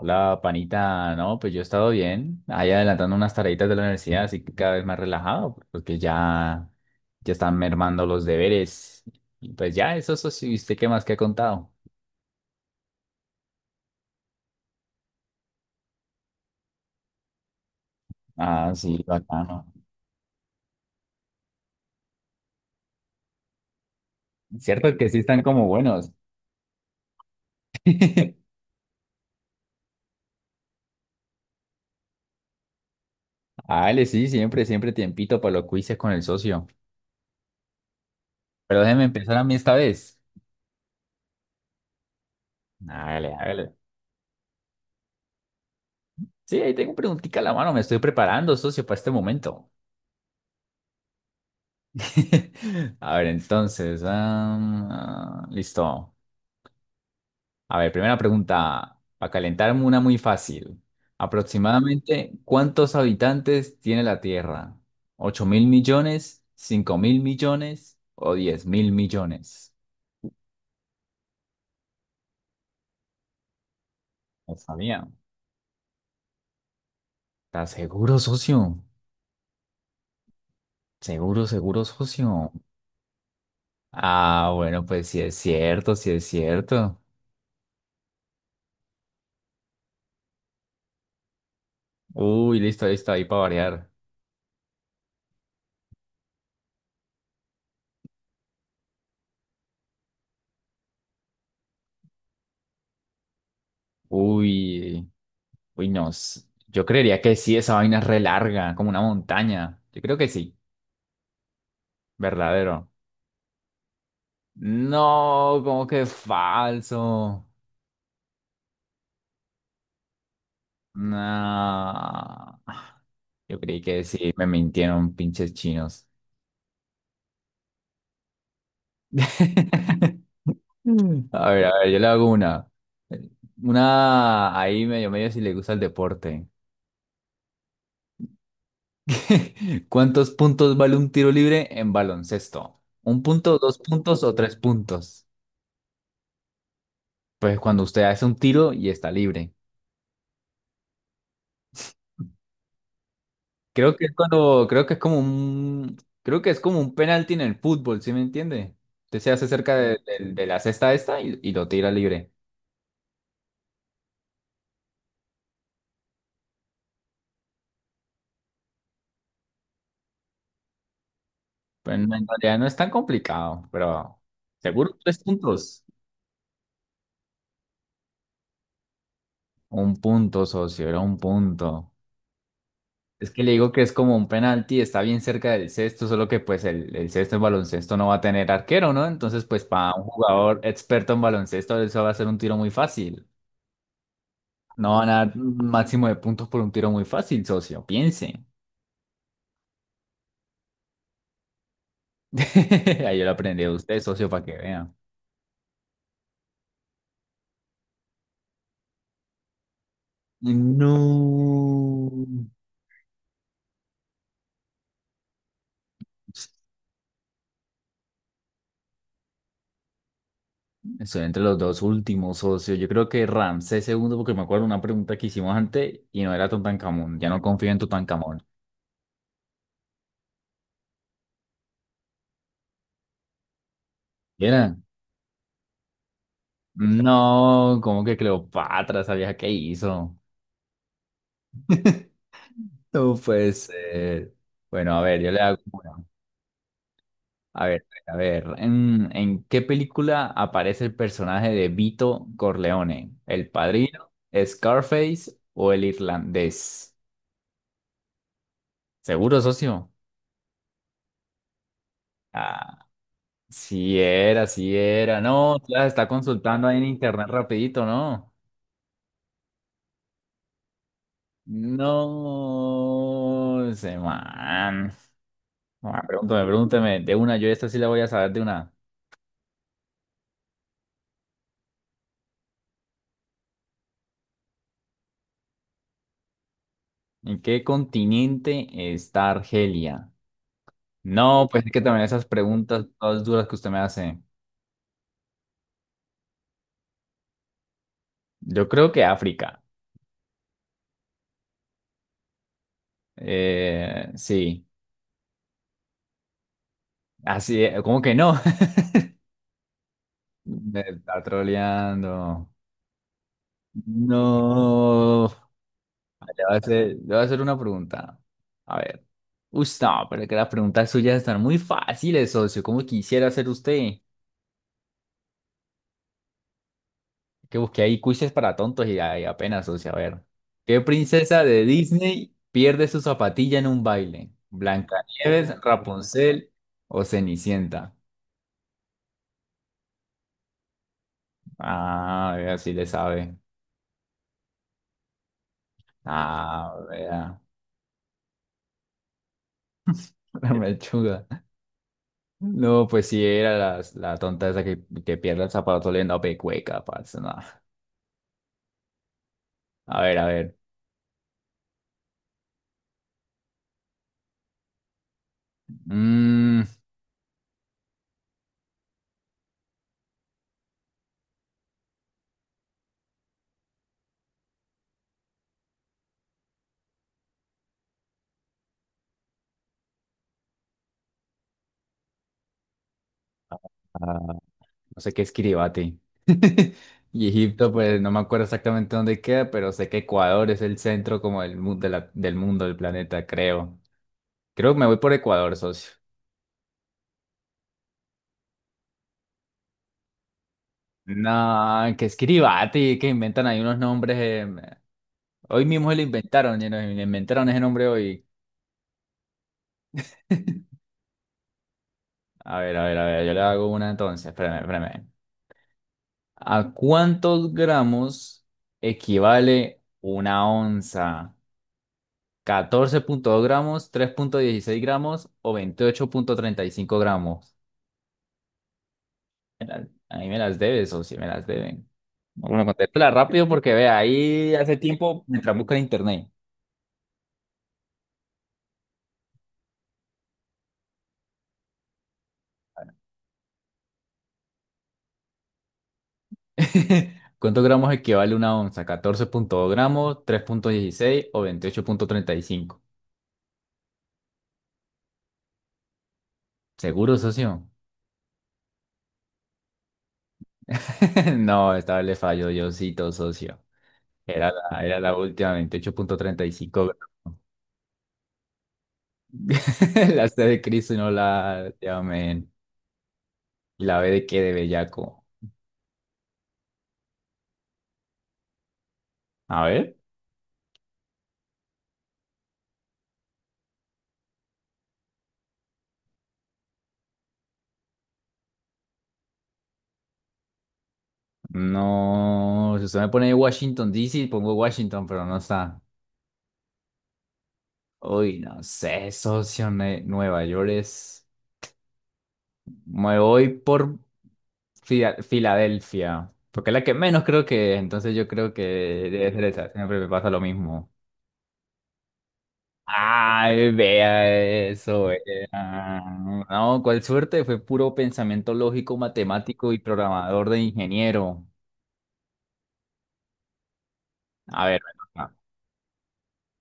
Hola, panita. No, pues yo he estado bien, ahí adelantando unas tareitas de la universidad, así que cada vez más relajado, porque ya, ya están mermando los deberes. Y pues ya, eso sí, ¿usted qué más que ha contado? Ah, sí, bacano. Cierto que sí están como buenos. Dale, sí, siempre, siempre tiempito para los quizzes con el socio. Pero déjeme empezar a mí esta vez. Dale, dale. Sí, ahí tengo preguntica a la mano, me estoy preparando, socio, para este momento. A ver, entonces, listo. A ver, primera pregunta, para calentarme una muy fácil. Aproximadamente, ¿cuántos habitantes tiene la Tierra? ¿8.000 millones? ¿5.000 millones? ¿O 10.000 millones? No sabía. ¿Estás seguro, socio? Seguro, seguro, socio. Ah, bueno, pues sí es cierto, sí es cierto. Uy, listo, listo, ahí para variar. Uy, uy, no. Yo creería que sí, esa vaina es re larga, como una montaña. Yo creo que sí, verdadero. No, como que falso. No. Yo creí que sí, me mintieron pinches chinos. Mm. A ver, yo le hago una. Una ahí medio medio si le gusta el deporte. ¿Cuántos puntos vale un tiro libre en baloncesto? ¿Un punto, dos puntos o tres puntos? Pues cuando usted hace un tiro y está libre. Creo que es cuando, creo que es como un, creo que es como un penalti en el fútbol, ¿sí me entiende? Usted se hace cerca de, de la cesta esta y lo tira libre. Pero en realidad no es tan complicado, pero seguro tres puntos. Un punto, socio, era un punto. Es que le digo que es como un penalti, está bien cerca del cesto, solo que pues el cesto en baloncesto no va a tener arquero, ¿no? Entonces pues para un jugador experto en baloncesto eso va a ser un tiro muy fácil. No van a dar un máximo de puntos por un tiro muy fácil, socio, piense. Ahí yo lo aprendí a usted, socio, para que vean. No. Estoy entre los dos últimos, socio. Yo creo que Ramsés segundo, porque me acuerdo una pregunta que hicimos antes y no era Tutankamón. Ya no confío en Tutankamón. ¿Qué ¿Era? No, como que Cleopatra, ¿sabías qué hizo? No puede ser. Bueno, a ver, yo le hago una. A ver, ¿en qué película aparece el personaje de Vito Corleone? ¿El padrino, Scarface o el irlandés? ¿Seguro, socio? Ah, sí era, sí era. No, la está consultando ahí en internet rapidito, ¿no? No, ese man. Ah, pregúntame, pregúntame. De una, yo esta sí la voy a saber de una. ¿En qué continente está Argelia? No, pues es que también esas preguntas todas duras que usted me hace. Yo creo que África. Sí. Así, ¿cómo que no? Me está troleando. No. Le voy a hacer una pregunta. A ver. Uy, no, pero es que las preguntas suyas están muy fáciles, socio. ¿Cómo quisiera hacer usted? Que busqué ahí quizzes para tontos y, ahí apenas, socio. A ver. ¿Qué princesa de Disney pierde su zapatilla en un baile? ¿Blancanieves, Rapunzel o Cenicienta? Ah, vea, sí le sabe. Ah, vea, la mechuda. No, pues sí, era la, tonta esa que pierde el zapato oliendo a pecueca, parce, no. A ver, a ver. Mm, ah, no sé qué es Kiribati. Y Egipto, pues no me acuerdo exactamente dónde queda, pero sé que Ecuador es el centro como del, del mundo, del planeta, creo. Creo que me voy por Ecuador, socio. No, que es Kiribati, que inventan ahí unos nombres. Hoy mismo se lo inventaron, y nos inventaron ese nombre hoy. A ver, a ver, a ver, yo le hago una entonces. Espérame, espérame. ¿A cuántos gramos equivale una onza? ¿14.2 gramos, 3.16 gramos o 28.35 gramos? A mí me las debes o si me las deben. No, bueno, contéstala rápido porque vea, ahí hace tiempo mientras busca en internet. ¿Cuántos gramos equivale una onza? Catorce punto dos gramos, tres punto dieciséis o 28.35. ¿Seguro, socio? No, esta vez le falló Diosito, socio. Era la última, 28.35 gramos. La C de Cristo y no la de amén. ¿Y la B de qué? De bellaco. A ver. No, si usted me pone Washington D. C. pongo Washington, pero no está. Uy, no sé, socio, Nueva York es... Me voy por Filadelfia, porque es la que menos creo que es, entonces yo creo que debe ser esa. Siempre me pasa lo mismo. Ay, vea eso, vea. No, cuál suerte, fue puro pensamiento lógico, matemático y programador de ingeniero. A ver, ven,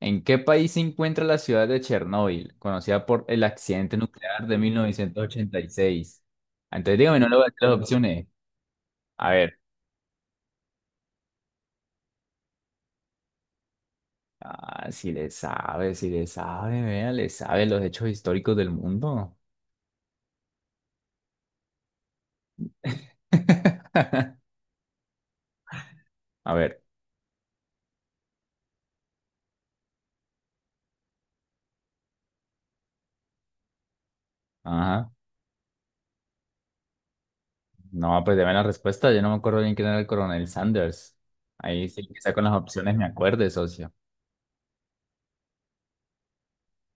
¿en qué país se encuentra la ciudad de Chernóbil, conocida por el accidente nuclear de 1986? Entonces dígame, no le voy a dar las opciones. A ver, ah, si le sabe, si le sabe, vea, le sabe los hechos históricos del mundo. A ver, ajá. No, pues deme la respuesta. Yo no me acuerdo bien quién era el coronel Sanders. Ahí sí, quizá con las opciones me acuerde, socio.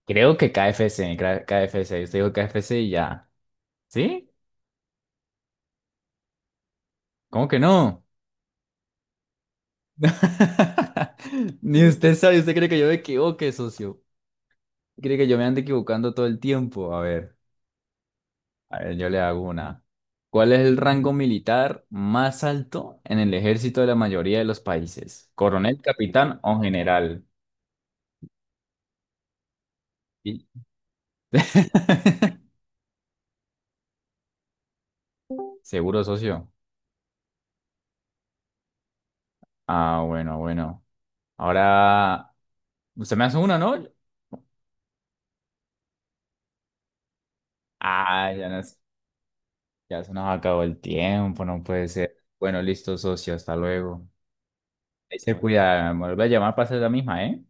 Creo que KFC, KFC. Usted dijo KFC y ya. ¿Sí? ¿Cómo que no? Ni usted sabe, usted cree que yo me equivoque, socio. Cree que yo me ando equivocando todo el tiempo. A ver, yo le hago una. ¿Cuál es el rango militar más alto en el ejército de la mayoría de los países? ¿Coronel, capitán o general? Y- Seguro, socio. Ah, bueno, bueno. Ahora, usted me hace una, ¿no? Ah, ya, ya se nos acabó el tiempo, no puede ser. Bueno, listo, socio, hasta luego. Ahí se cuida, me vuelve a llamar para hacer la misma, ¿eh?